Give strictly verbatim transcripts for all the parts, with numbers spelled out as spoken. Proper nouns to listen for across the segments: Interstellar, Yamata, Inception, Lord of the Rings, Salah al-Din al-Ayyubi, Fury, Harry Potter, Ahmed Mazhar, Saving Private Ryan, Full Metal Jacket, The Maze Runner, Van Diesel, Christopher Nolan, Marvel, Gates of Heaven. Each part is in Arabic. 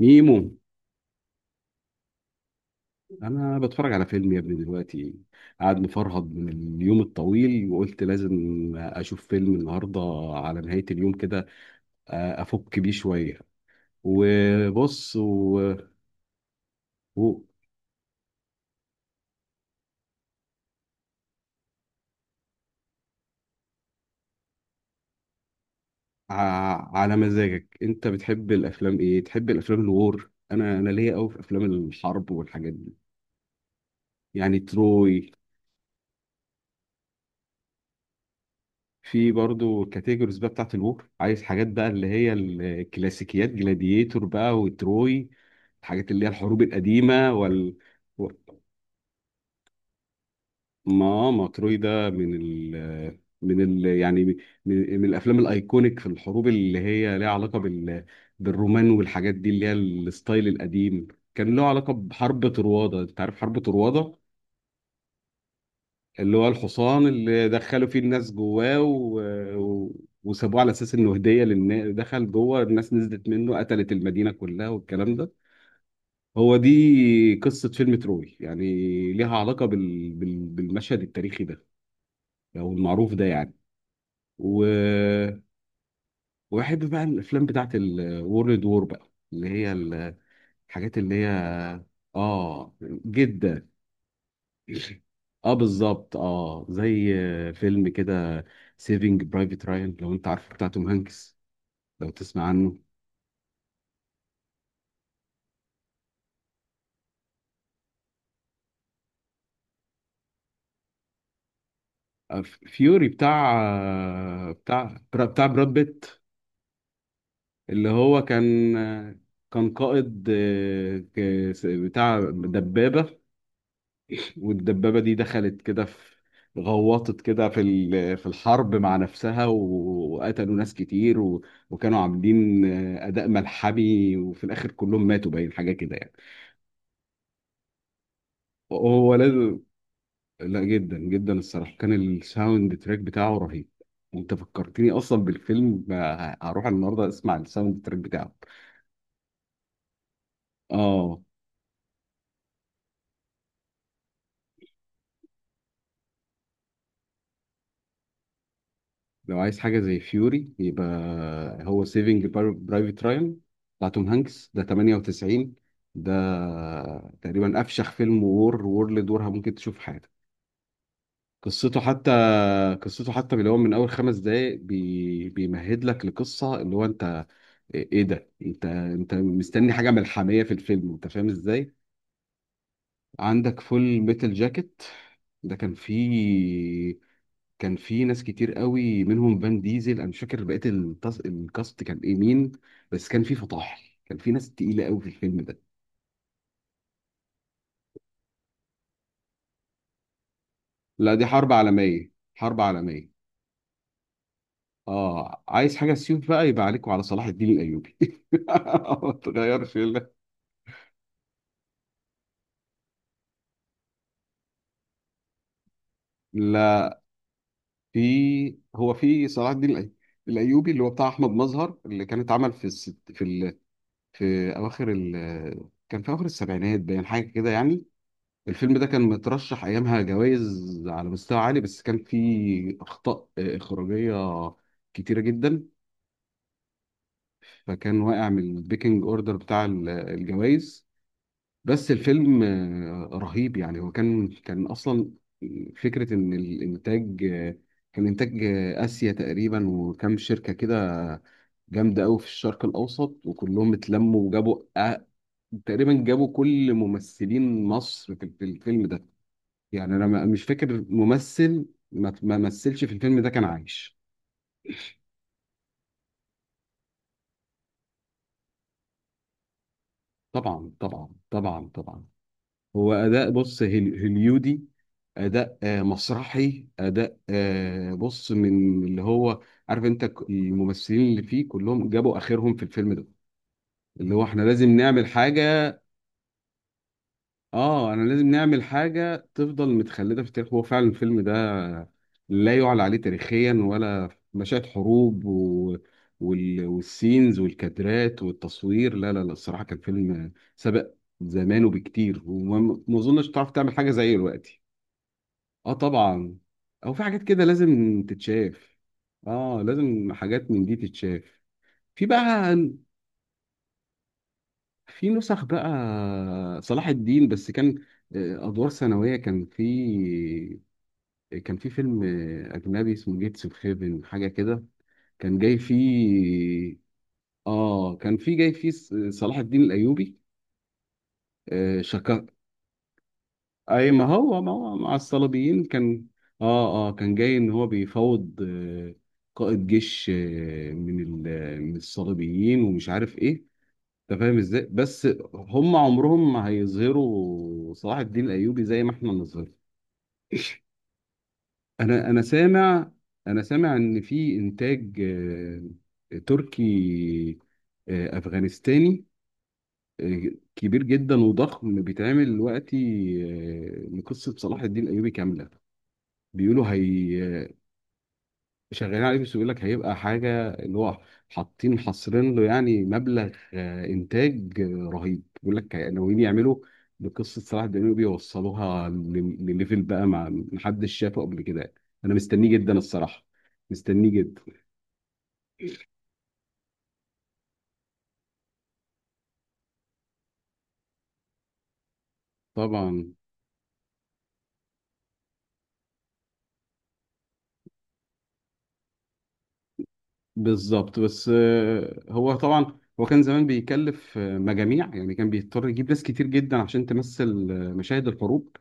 ميمو، انا بتفرج على فيلم يا ابني دلوقتي. قاعد مفرهد من اليوم الطويل، وقلت لازم اشوف فيلم النهارده على نهاية اليوم كده. آه، افك بيه شوية وبص و... و... ع- على مزاجك، انت بتحب الافلام ايه؟ تحب الافلام الوور؟ انا انا ليا قوي في افلام الحرب والحاجات دي، يعني تروي. في برضو كاتيجوريز بقى بتاعت الوور، عايز حاجات بقى اللي هي الكلاسيكيات، جلاديتور بقى، وتروي، الحاجات اللي هي الحروب القديمة وال و- ما ما تروي ده من ال من ال يعني من, من الافلام الايكونيك في الحروب، اللي هي ليها علاقة بال بالرومان والحاجات دي، اللي هي الستايل القديم. كان له علاقة بحرب طروادة، انت عارف حرب طروادة؟ اللي هو الحصان اللي دخلوا فيه الناس جواه و... و... وسابوه على اساس انه هديه للناس، دخل جوه، الناس نزلت منه، قتلت المدينه كلها والكلام ده. هو دي قصه فيلم تروي يعني، ليها علاقه بال... بال... بالمشهد التاريخي ده او المعروف ده يعني. و... وبحب بقى الافلام بتاعت الورلد وور بقى، اللي هي الحاجات اللي هي اه، جدا. اه بالظبط، اه زي فيلم كده سيفينج برايفت رايان، لو انت عارفه، بتاع توم هانكس، لو تسمع عنه. آه، فيوري، بتاع بتاع بتاع براد بيت، اللي هو كان كان قائد آه، ك- بتاع دبابة، والدبابة دي دخلت كده في، غوطت كده في ال- في الحرب مع نفسها و- وقتلوا ناس كتير و- وكانوا عاملين آه، أداء ملحمي، وفي الآخر كلهم ماتوا، باين حاجة كده يعني. هو لازم. لا جدا جدا، الصراحه كان الساوند تراك بتاعه رهيب، وانت فكرتني اصلا بالفيلم. آه، هروح النهارده اسمع الساوند تراك بتاعه. اه. لو عايز حاجه زي فيوري، يبقى هو سيفنج برايفت رايان بتاع توم هانكس ده، تمانية وتسعين ده تقريبا افشخ فيلم وور وورلد وور ممكن تشوف في حياتك. قصته حتى قصته حتى اللي هو من اول خمس دقايق بي... بيمهد لك لقصه اللي هو انت ايه إيه ده. انت انت مستني حاجه ملحميه في الفيلم، انت فاهم ازاي؟ عندك فول ميتال جاكيت، ده كان فيه، كان فيه ناس كتير قوي منهم فان ديزل. انا مش فاكر بقيه التص... الكاست كان ايه، مين. بس كان فيه فطاحل، كان فيه ناس تقيله قوي في الفيلم ده. لا دي حرب عالميه، حرب عالميه. اه عايز حاجه سيوف بقى، يبقى عليكم على صلاح الدين الايوبي. ما تغيرش. لا في، هو في صلاح الدين الأي- الايوبي اللي هو بتاع احمد مظهر، اللي كان اتعمل في الست في ال... في اواخر ال... كان في اواخر السبعينات، باين حاجه كده يعني. الفيلم ده كان مترشح ايامها جوائز على مستوى عالي، بس كان فيه اخطاء اخراجيه كتيره جدا، فكان واقع من البيكنج اوردر بتاع ال- الجوائز. بس الفيلم آه، رهيب يعني. هو كان كان اصلا فكره ان الانتاج آه، كان انتاج آه، اسيا تقريبا، وكام شركه كده جامده قوي في الشرق الاوسط، وكلهم اتلموا وجابوا آه، تقريبا جابوا كل ممثلين مصر في في الفيلم ده. يعني انا ما- مش فاكر ممثل ما ما مثلش في الفيلم ده كان عايش. طبعا، طبعا، طبعا، طبعا. هو اداء بص هل- هوليودي، اداء آه، مسرحي، اداء آه، بص من اللي هو عارف، انت ك- الممثلين اللي فيه كلهم جابوا اخرهم في الفيلم ده، اللي هو احنا لازم نعمل حاجه. اه انا لازم نعمل حاجه تفضل متخلده في التاريخ. هو فعلا الفيلم ده لا يعلى عليه تاريخيا، ولا مشاهد حروب و... وال... والسينز والكادرات والتصوير، لا لا لا، الصراحه كان فيلم سبق زمانه بكتير، وما ما اظنش تعرف تعمل حاجه زيه دلوقتي. اه طبعا، او في حاجات كده لازم تتشاف. اه لازم حاجات من دي تتشاف. في بقى، في نسخ بقى صلاح الدين، بس كان آه، ادوار ثانويه، كان في، كان في فيلم آه، اجنبي اسمه جيتس اوف هيفن، حاجه كده، كان جاي فيه. اه كان في جاي فيه ص- صلاح الدين الايوبي. آه، شك- اي ما هو ما هو مع الصليبيين كان. اه اه، كان جاي ان هو بيفاوض آه، قائد جيش آه، من ال- من الصليبيين، ومش عارف ايه، انت فاهم ازاي. بس هم عمرهم ما هيظهروا صلاح الدين الايوبي زي ما احنا نظهر. انا انا سامع، انا سامع ان في انتاج آه، تركي، آه، افغانستاني، آه، كبير جدا وضخم بيتعمل دلوقتي، آه، لقصة صلاح الدين الايوبي كاملة. بيقولوا هي شغالين عليه، بس بيقول لك هيبقى حاجه اللي هو حاطين حاصرين له يعني مبلغ آه، انتاج آه، رهيب، بيقول لك ناويين يعملوا بقصه صلاح الدين بيوصلوها ل- لليفل بقى ما محدش شافه قبل كده يعني. انا مستنيه جدا الصراحه، مستنيه جدا. طبعا. بالظبط، بس آه، هو طبعا هو كان زمان بيكلف آه، مجاميع يعني، كان بيضطر يجيب ناس كتير جدا عشان تمثل آه، مشاهد الحروب.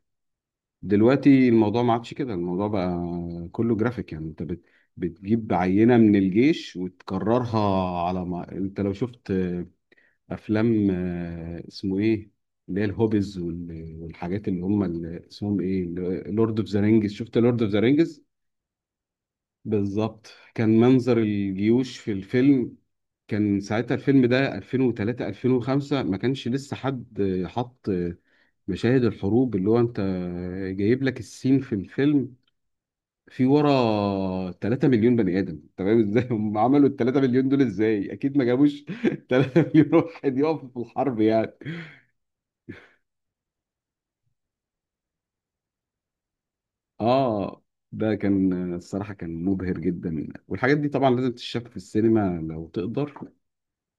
دلوقتي الموضوع ما عادش كده، الموضوع بقى كله جرافيك يعني، انت بت... بتجيب عينة من الجيش وتكررها. على ما انت، لو شفت آه، افلام آه، اسمه ايه، اللي هي الهوبز وال... والحاجات اللي هم اللي اسمهم ايه، لورد اوف ذا رينجز. شفت لورد اوف ذا رينجز؟ بالظبط. كان منظر الجيوش في الفيلم، كان ساعتها الفيلم ده الفين وتلاتة الفين وخمسة، ما كانش لسه حد آه، حط آه، مشاهد الحروب اللي هو انت جايب لك السين في الفيلم في ورا تلات مليون بني ادم، تمام؟ ازاي هم عملوا ال تلات مليون دول؟ ازاي؟ اكيد ما جابوش تلات مليون واحد يقفوا في الحرب يعني. اه ده كان الصراحه كان مبهر جدا، والحاجات دي طبعا لازم تتشاف في السينما لو تقدر،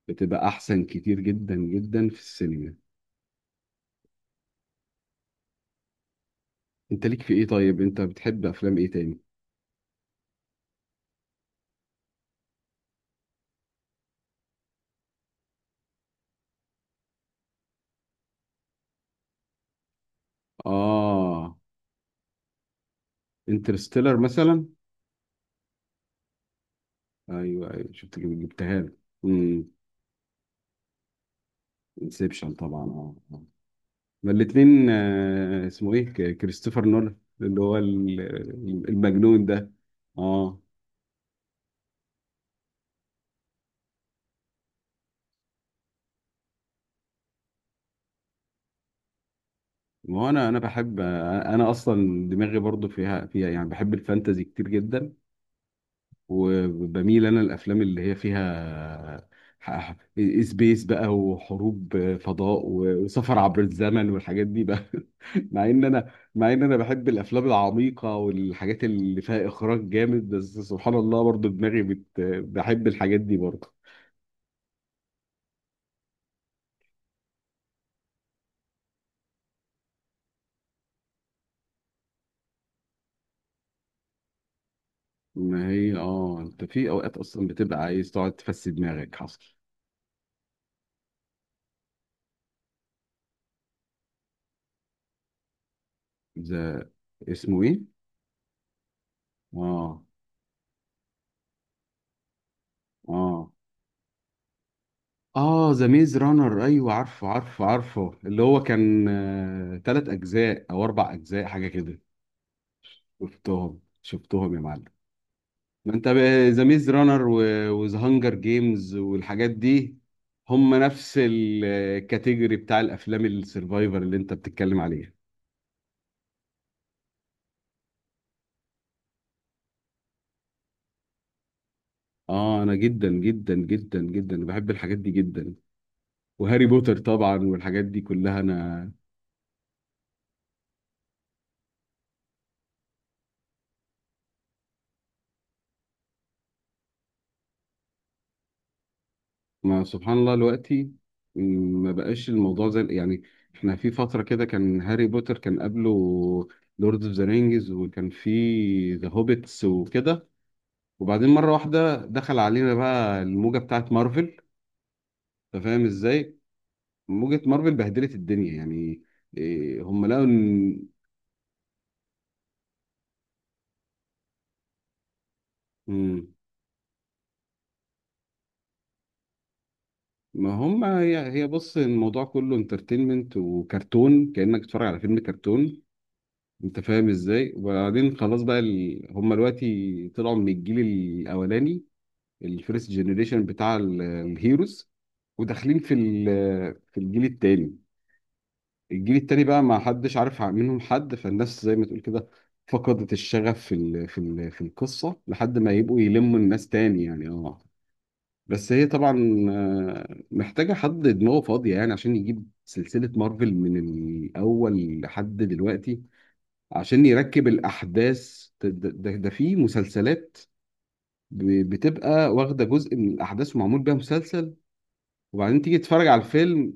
بتبقى احسن كتير جدا جدا في السينما. انت ليك في ايه طيب؟ انت بتحب افلام ايه تاني؟ اه انترستيلر مثلا. ايوه ايوه شفت جبتها لي. امم. انسبشن طبعا، اه آه. ما الاتنين آه، اسمه ايه ك- كريستوفر نولان، اللي هو ال- المجنون ده. اه. ما هو انا انا بحب، انا اصلا دماغي برضو فيها فيها يعني، بحب الفانتازي كتير جدا، وبميل انا الافلام اللي هي فيها ح- سبيس بقى وحروب فضاء وسفر عبر الزمن والحاجات دي بقى. مع ان انا، مع ان انا بحب الافلام العميقه والحاجات اللي فيها اخراج جامد، بس سبحان الله برضو دماغي بت... بحب الحاجات دي برضو. ما هي اه، انت في اوقات اصلا بتبقى عايز تقعد تفسي دماغك. حصل. ذا اسمه ايه؟ اه اه اه، ذا ميز رانر، ايوه عارفه عارفه عارفه، اللي هو كان آه تلات اجزاء او اربع اجزاء حاجه كده. شفتهم شفتهم يا معلم. ما انت، ذا ميز رانر وذا هانجر جيمز والحاجات دي، هم نفس الكاتيجوري بتاع الافلام السرفايفر اللي انت بتتكلم عليها. اه انا جدا جدا جدا جدا بحب الحاجات دي جدا. وهاري بوتر طبعا والحاجات دي كلها انا. ما سبحان الله دلوقتي، م، ما بقاش الموضوع زي يعني، احنا في فترة كده كان هاري بوتر، كان قبله لورد اوف ذا رينجز، وكان في ذا هوبيتس وكده، وبعدين مرة واحدة دخل علينا بقى الموجة بتاعت مارفل. انت فاهم ازاي؟ موجة مارفل بهدلت الدنيا يعني. إيه، هم لقوا ان م، ما هم هي هي بص، الموضوع كله انترتينمنت وكرتون، كأنك بتتفرج على فيلم كرتون. انت فاهم ازاي؟ وبعدين خلاص بقى ال... هم دلوقتي طلعوا من الجيل الاولاني، الفيرست جنريشن بتاع ال- الهيروز، وداخلين في ال... في الجيل التاني. الجيل التاني بقى ما حدش عارف منهم حد، فالناس زي ما تقول كده فقدت الشغف في ال... في ال... في القصة، لحد ما يبقوا يلموا الناس تاني يعني، اه. بس هي طبعا آه، محتاجة حد دماغه فاضية يعني عشان يجيب سلسلة مارفل من الأول لحد دلوقتي، عشان يركب الاحداث ده, ده, ده في مسلسلات، ب- بتبقى واخده جزء من الاحداث ومعمول بيها مسلسل، وبعدين تيجي تتفرج على الفيلم،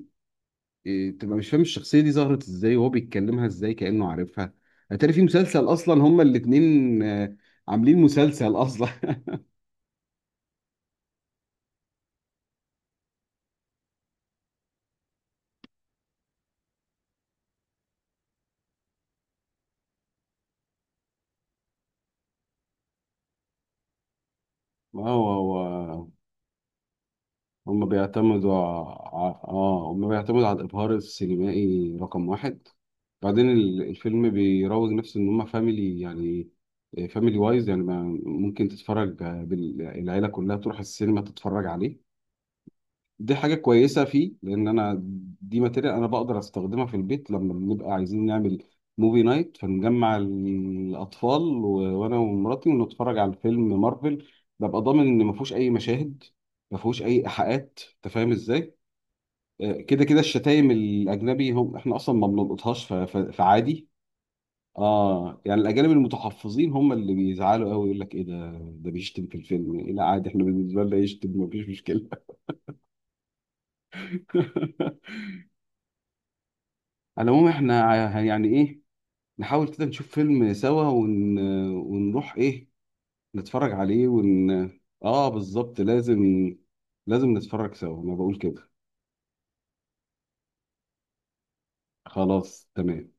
إيه، تبقى مش فاهم الشخصيه دي ظهرت ازاي، وهو بيتكلمها ازاي كانه عارفها. هتلاقي في مسلسل اصلا هما الاتنين آه، عاملين مسلسل اصلا. ما هو هو هم بيعتمدوا ع... اه، هم بيعتمدوا على الإبهار السينمائي رقم واحد. بعدين ال- الفيلم بيروج نفسه إن هم فاميلي يعني، فاميلي وايز يعني، ما- ممكن تتفرج بال- العيلة كلها تروح السينما تتفرج عليه. دي حاجة كويسة فيه، لأن أنا، دي ماتيريال أنا بقدر أستخدمها في البيت لما بنبقى عايزين نعمل موفي نايت، فنجمع الأطفال و- وأنا ومراتي ونتفرج على فيلم مارفل، ببقى ضامن إن ما فيهوش أي مشاهد، ما فيهوش أي إيحاءات، أنت فاهم إزاي؟ آه، كده كده الشتايم الأجنبي هم إحنا أصلا ما بنلقطهاش ف- ف- فعادي. آه يعني الأجانب المتحفظين هم اللي بيزعلوا قوي، يقول لك إيه ده، ده بيشتم في الفيلم، إيه لا عادي إحنا بالنسبة لنا يشتم مفيش مشكلة. على العموم احنا ع- يعني ايه، نحاول كده نشوف فيلم سوا ون... ونروح ايه، نتفرج عليه ون، اه بالظبط لازم، لازم نتفرج سوا انا بقول كده. خلاص تمام.